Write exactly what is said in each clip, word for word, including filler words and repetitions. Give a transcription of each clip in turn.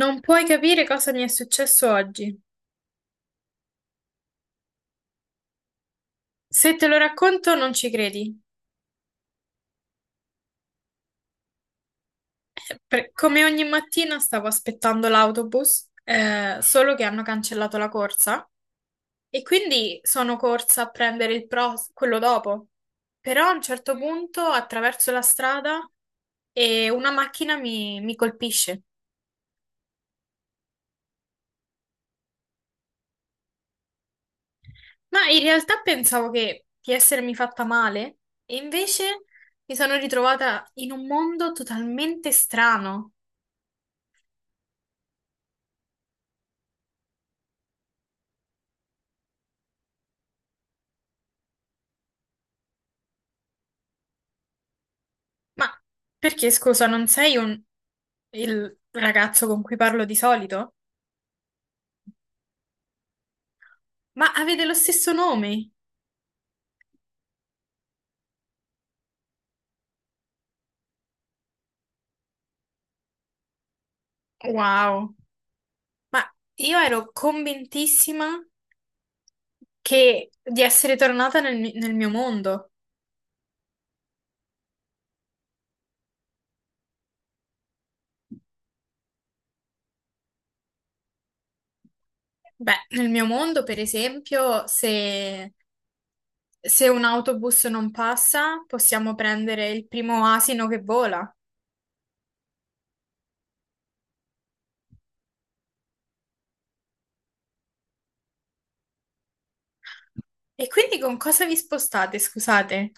Non puoi capire cosa mi è successo oggi. Se te lo racconto, non ci credi. Eh, per- come ogni mattina stavo aspettando l'autobus, eh, solo che hanno cancellato la corsa e quindi sono corsa a prendere il pro, quello dopo. Però a un certo punto attraverso la strada e una macchina mi, mi colpisce. Ma in realtà pensavo che, di essermi fatta male e invece mi sono ritrovata in un mondo totalmente strano. Ma perché, scusa, non sei un... il ragazzo con cui parlo di solito? Ma avete lo stesso nome? Wow. Ma io ero convintissima che... di essere tornata nel, mi- nel mio mondo. Beh, nel mio mondo, per esempio, se... se un autobus non passa, possiamo prendere il primo asino che vola. E quindi con cosa vi spostate, scusate?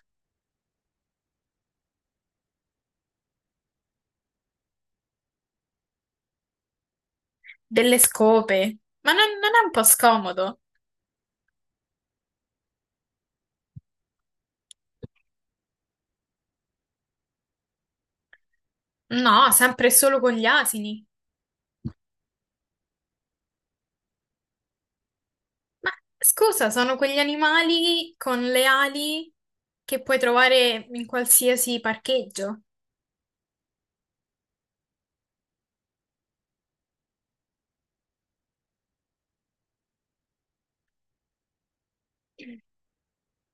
Delle scope? Ma non non è un po' scomodo? No, sempre e solo con gli asini. Ma scusa, sono quegli animali con le ali che puoi trovare in qualsiasi parcheggio.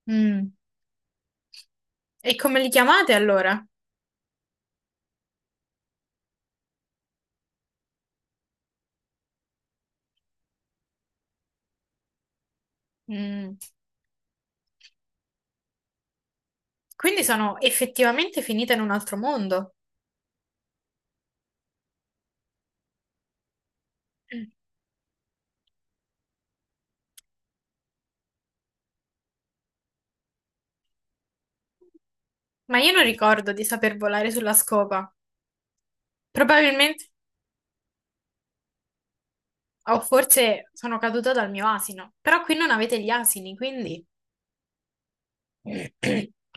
Mm. E come li chiamate allora? Mm. Quindi sono effettivamente finita in un altro mondo. Mm. Ma io non ricordo di saper volare sulla scopa. Probabilmente, o forse sono caduta dal mio asino. Però qui non avete gli asini, quindi...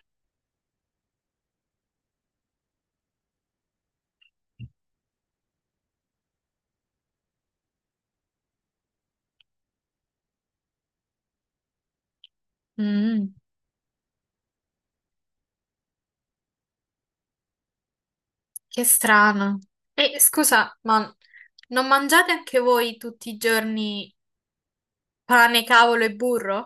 Mm. Che strano. E scusa, ma non mangiate anche voi tutti i giorni pane, cavolo e burro?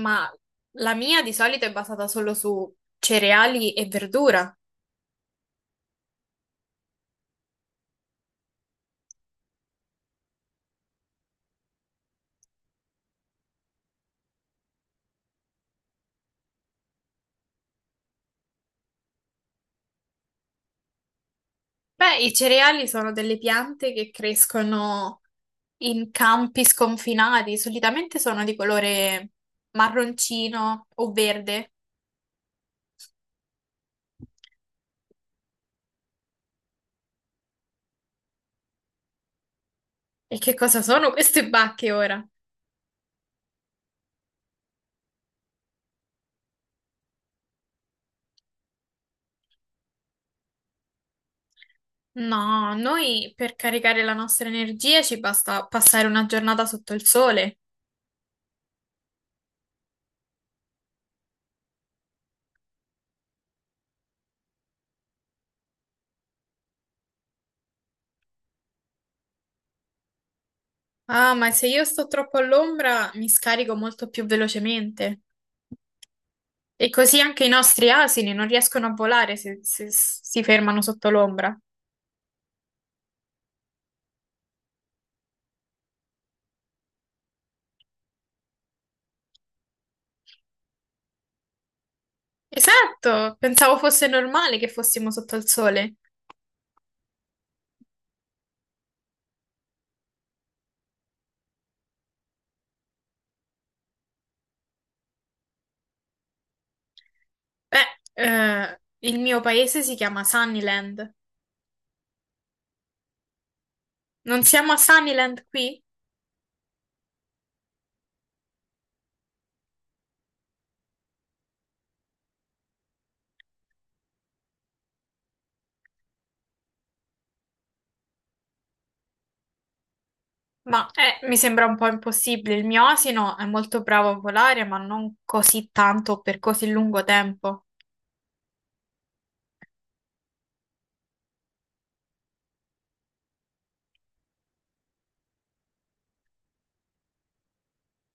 Ma la mia di solito è basata solo su cereali e verdura. Beh, i cereali sono delle piante che crescono in campi sconfinati, solitamente sono di colore marroncino o verde. E che cosa sono queste bacche ora? No, noi per caricare la nostra energia ci basta passare una giornata sotto il sole. Ah, ma se io sto troppo all'ombra mi scarico molto più velocemente. E così anche i nostri asini non riescono a volare se, se si fermano sotto l'ombra. Esatto, pensavo fosse normale che fossimo sotto il sole. Beh, eh, il mio paese si chiama Sunnyland. Non siamo a Sunnyland qui? Ma eh, mi sembra un po' impossibile. Il mio asino è molto bravo a volare, ma non così tanto per così lungo tempo.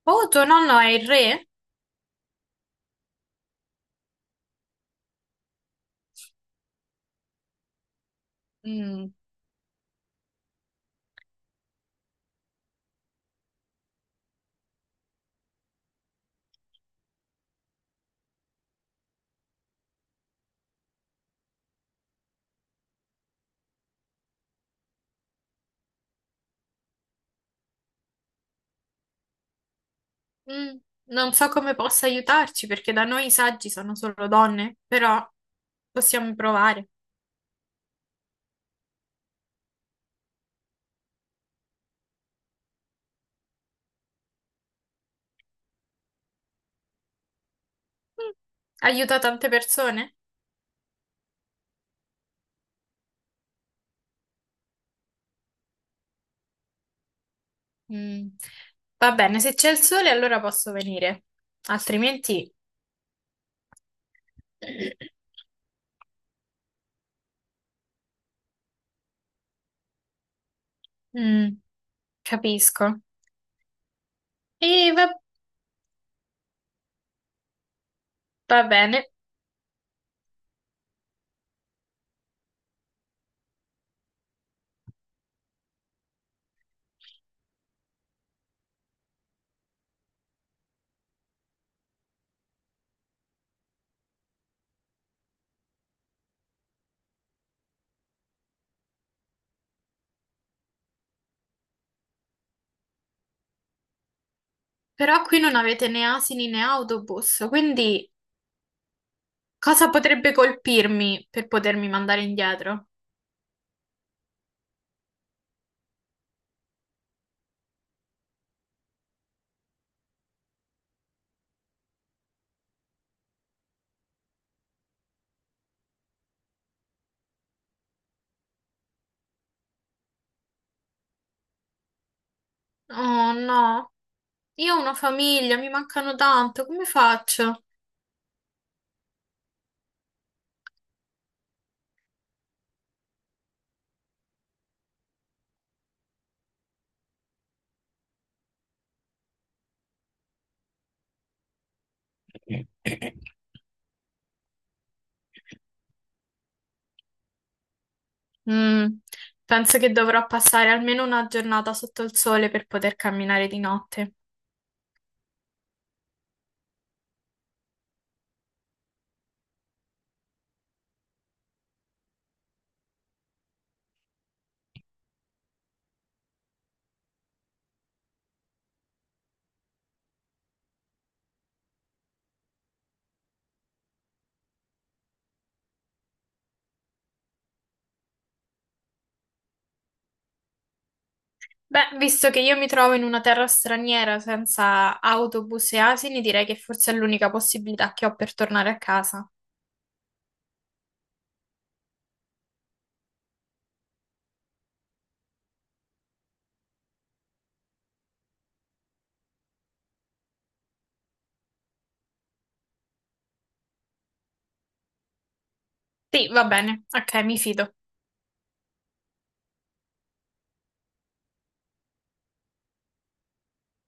Oh, tuo nonno è il re? Mm, mm, non so come possa aiutarci, perché da noi i saggi sono solo donne, però possiamo provare. Mm, aiuta tante persone? Mm, va bene, se c'è il sole allora posso venire, altrimenti... Mm, capisco. E va, va bene. Però qui non avete né asini né autobus, quindi cosa potrebbe colpirmi per potermi mandare indietro? Oh no, io ho una famiglia, mi mancano tanto, come faccio? Mm, penso che dovrò passare almeno una giornata sotto il sole per poter camminare di notte. Beh, visto che io mi trovo in una terra straniera senza autobus e asini, direi che forse è l'unica possibilità che ho per tornare a casa. Sì, va bene, ok, mi fido.